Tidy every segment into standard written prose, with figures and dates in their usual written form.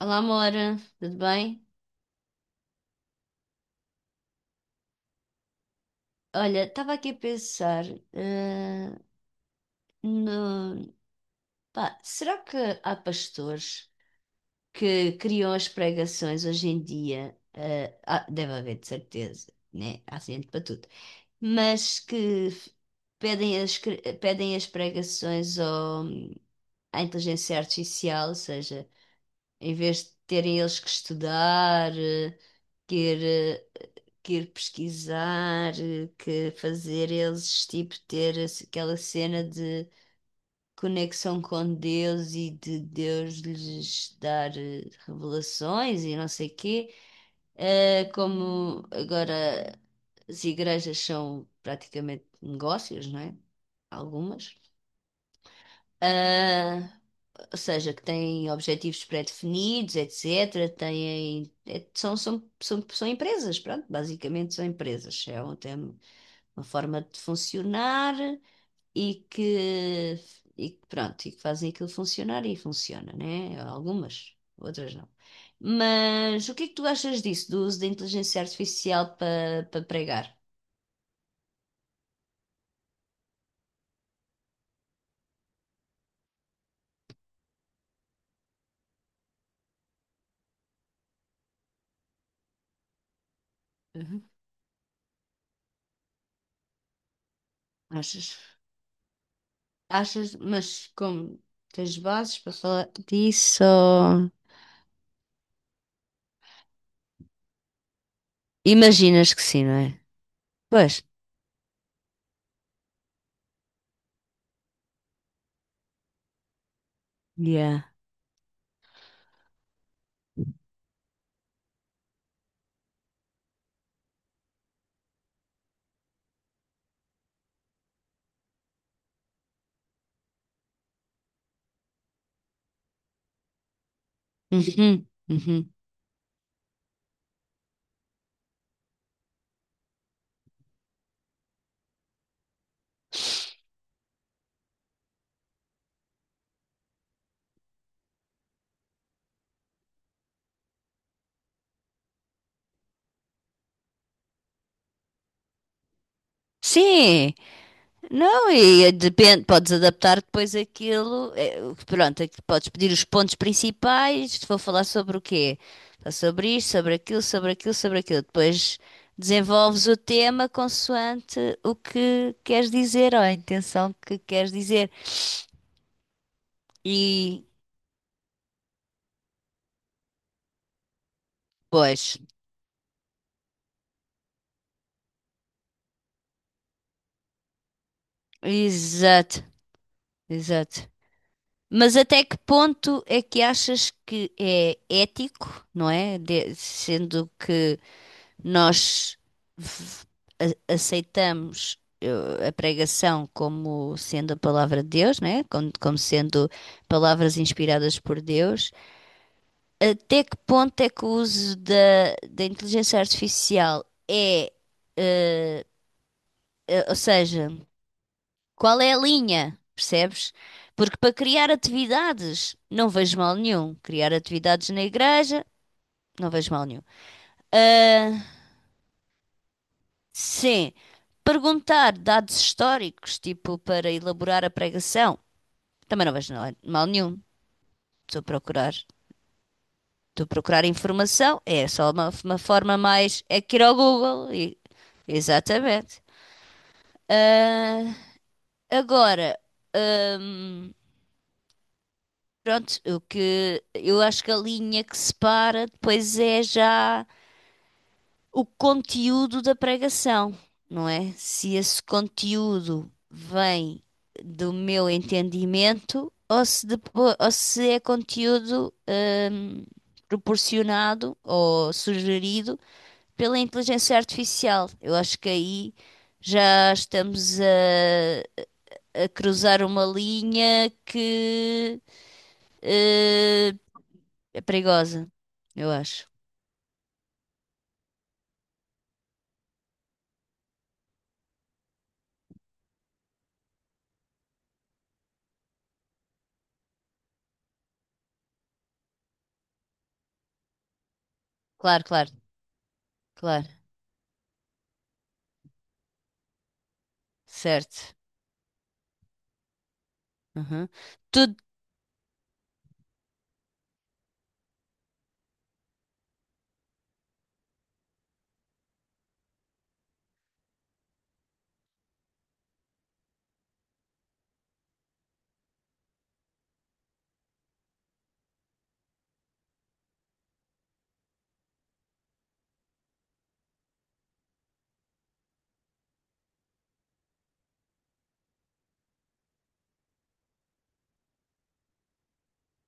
Olá, Mora, tudo bem? Olha, estava aqui a pensar, eh, no... pá, será que há pastores que criam as pregações hoje em dia? Deve haver, de certeza, né? Há gente para tudo. Mas pedem as pregações à inteligência artificial, ou seja, em vez de terem eles que estudar, que ir, pesquisar, que fazer eles, tipo, aquela cena de conexão com Deus e de Deus lhes dar revelações e não sei quê. Como agora as igrejas são praticamente negócios, não é? Algumas. Ah, ou seja, que têm objetivos pré-definidos, etc. Têm, são empresas, pronto, basicamente são empresas. Tem uma forma de funcionar e que, pronto, e que fazem aquilo funcionar e funciona, né? Algumas, outras não. Mas o que é que tu achas disso, do uso da inteligência artificial para pregar? Uhum. Achas? Achas, mas como tens bases para falar disso? Imaginas que sim, não é? Pois, yeah. Uhum, uhum. Sim, não, e depende, podes adaptar depois aquilo, pronto, aqui podes pedir os pontos principais, vou falar sobre o quê? Falar sobre isto, sobre aquilo, sobre aquilo, sobre aquilo. Depois desenvolves o tema consoante o que queres dizer, ou a intenção que queres dizer. E, pois, exato, exato. Mas até que ponto é que achas que é ético, não é? Sendo que nós v- aceitamos a pregação como sendo a palavra de Deus, não é? Como sendo palavras inspiradas por Deus. Até que ponto é que o uso da inteligência artificial é, ou seja, qual é a linha, percebes? Porque para criar atividades, não vejo mal nenhum. Criar atividades na igreja. Não vejo mal nenhum. Ah, sim. Perguntar dados históricos, tipo para elaborar a pregação. Também não vejo mal nenhum. Estou a procurar, estou a procurar informação. É só uma forma mais. É que ir ao Google. E, exatamente. Agora, pronto, o que eu acho que a linha que separa depois é já o conteúdo da pregação, não é? Se esse conteúdo vem do meu entendimento ou se, depois, ou se é conteúdo hum, proporcionado ou sugerido pela inteligência artificial. Eu acho que aí já estamos a cruzar uma linha que eh, é perigosa, eu acho. Claro, claro, claro, certo. Uhum. Tu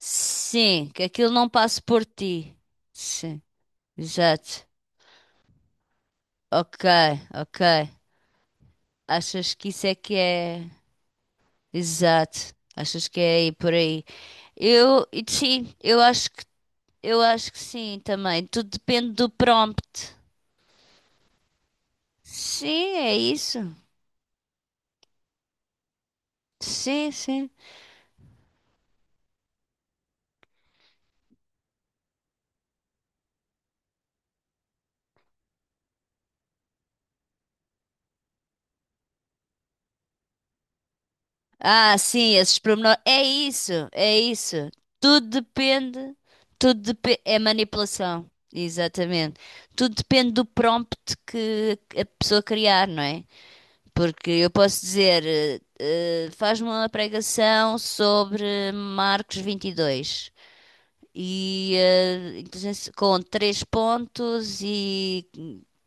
Sim, que aquilo não passe por ti. Sim, exato. Ok, ok. Achas que isso é que é. Exato. Achas que é aí por aí? E sim, eu acho que sim também. Tudo depende do prompt. Sim, é isso. Sim, sim. Ah, sim, esses pormenores. É isso, é isso. Tudo depende, é manipulação, exatamente. Tudo depende do prompt que a pessoa criar, não é? Porque eu posso dizer, faz-me uma pregação sobre Marcos 22 e dois com três pontos e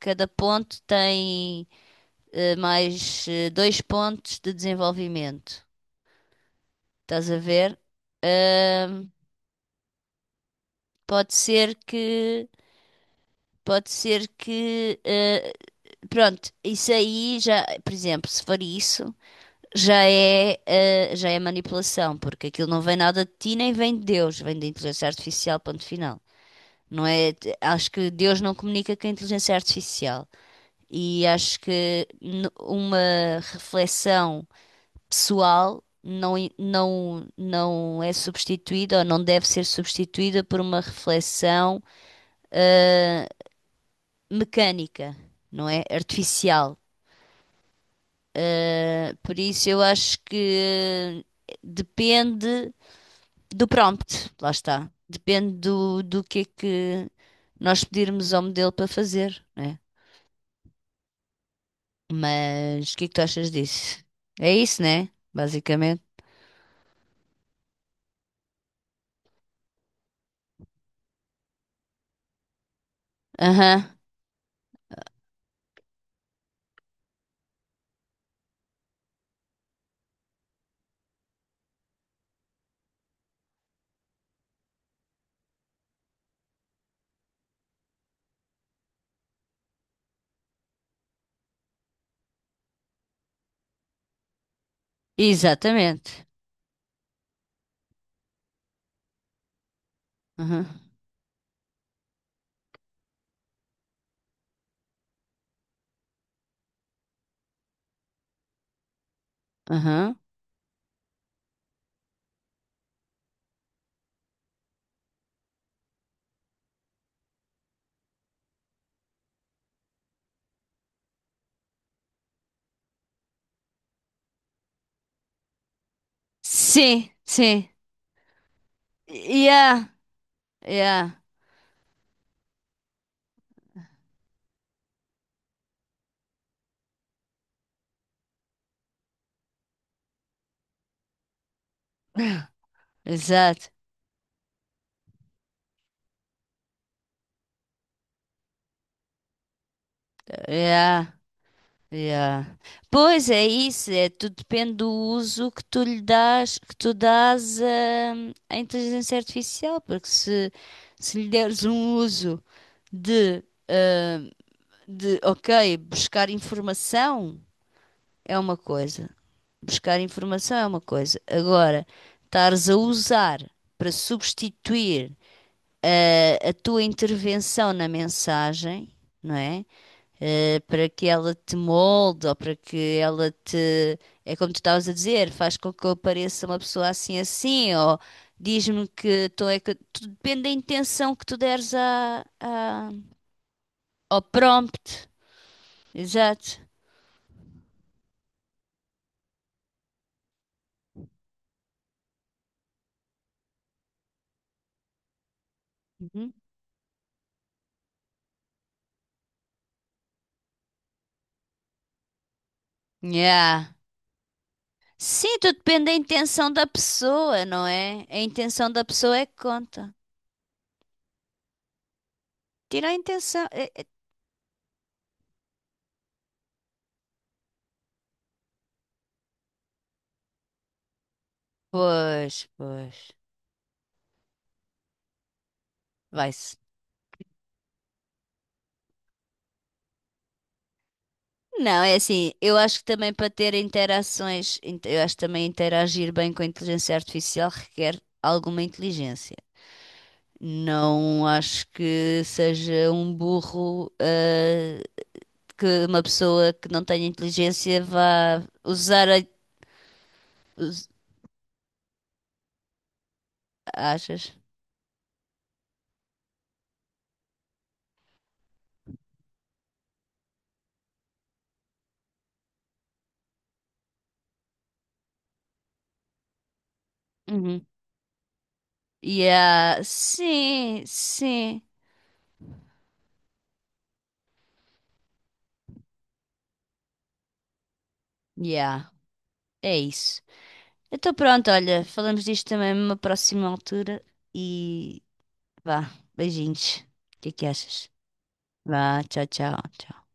cada ponto tem mais dois pontos de desenvolvimento. Estás a ver? Ahm, pode ser que, pode ser que, pronto, isso aí já, por exemplo, se for isso, já é manipulação, porque aquilo não vem nada de ti nem vem de Deus, vem da inteligência artificial, ponto final. Não é, acho que Deus não comunica com a inteligência artificial. E acho que uma reflexão pessoal não, não, não é substituída ou não deve ser substituída por uma reflexão mecânica, não é? Artificial. Por isso eu acho que depende do prompt, lá está. Depende do que é que nós pedirmos ao modelo para fazer, né? Mas o que é que tu achas disso? É isso, né? Basicamente. Aham, exatamente. Aham, aham. Sim, sim. Yeah, yeah, exato. Yeah, yeah. Pois é isso, é, tudo depende do uso que tu lhe dás, que tu dás à inteligência artificial, porque se lhe deres um uso de, ok, buscar informação é uma coisa, buscar informação é uma coisa. Agora, estares a usar para substituir a tua intervenção na mensagem, não é? Para que ela te molde ou para que ela te. É como tu estavas a dizer, faz com que eu pareça uma pessoa assim assim, ou diz-me que tu é que. Tudo depende da intenção que tu deres ao prompt. Exato. Uhum. Yeah. Sim, tudo depende da intenção da pessoa, não é? A intenção da pessoa é que conta. Tira a intenção. Pois, pois. Vai-se. Não, é assim, eu acho que também para ter interações, int- eu acho que também interagir bem com a inteligência artificial requer alguma inteligência. Não acho que seja um burro, que uma pessoa que não tenha inteligência vá usar a... us- Achas? Uhum. Yeah, sim, sim. Yeah, é isso. Então pronto, olha, falamos disto também numa próxima altura e Vá, beijinhos. O que que achas? Vá, tchau, tchau. Tchau.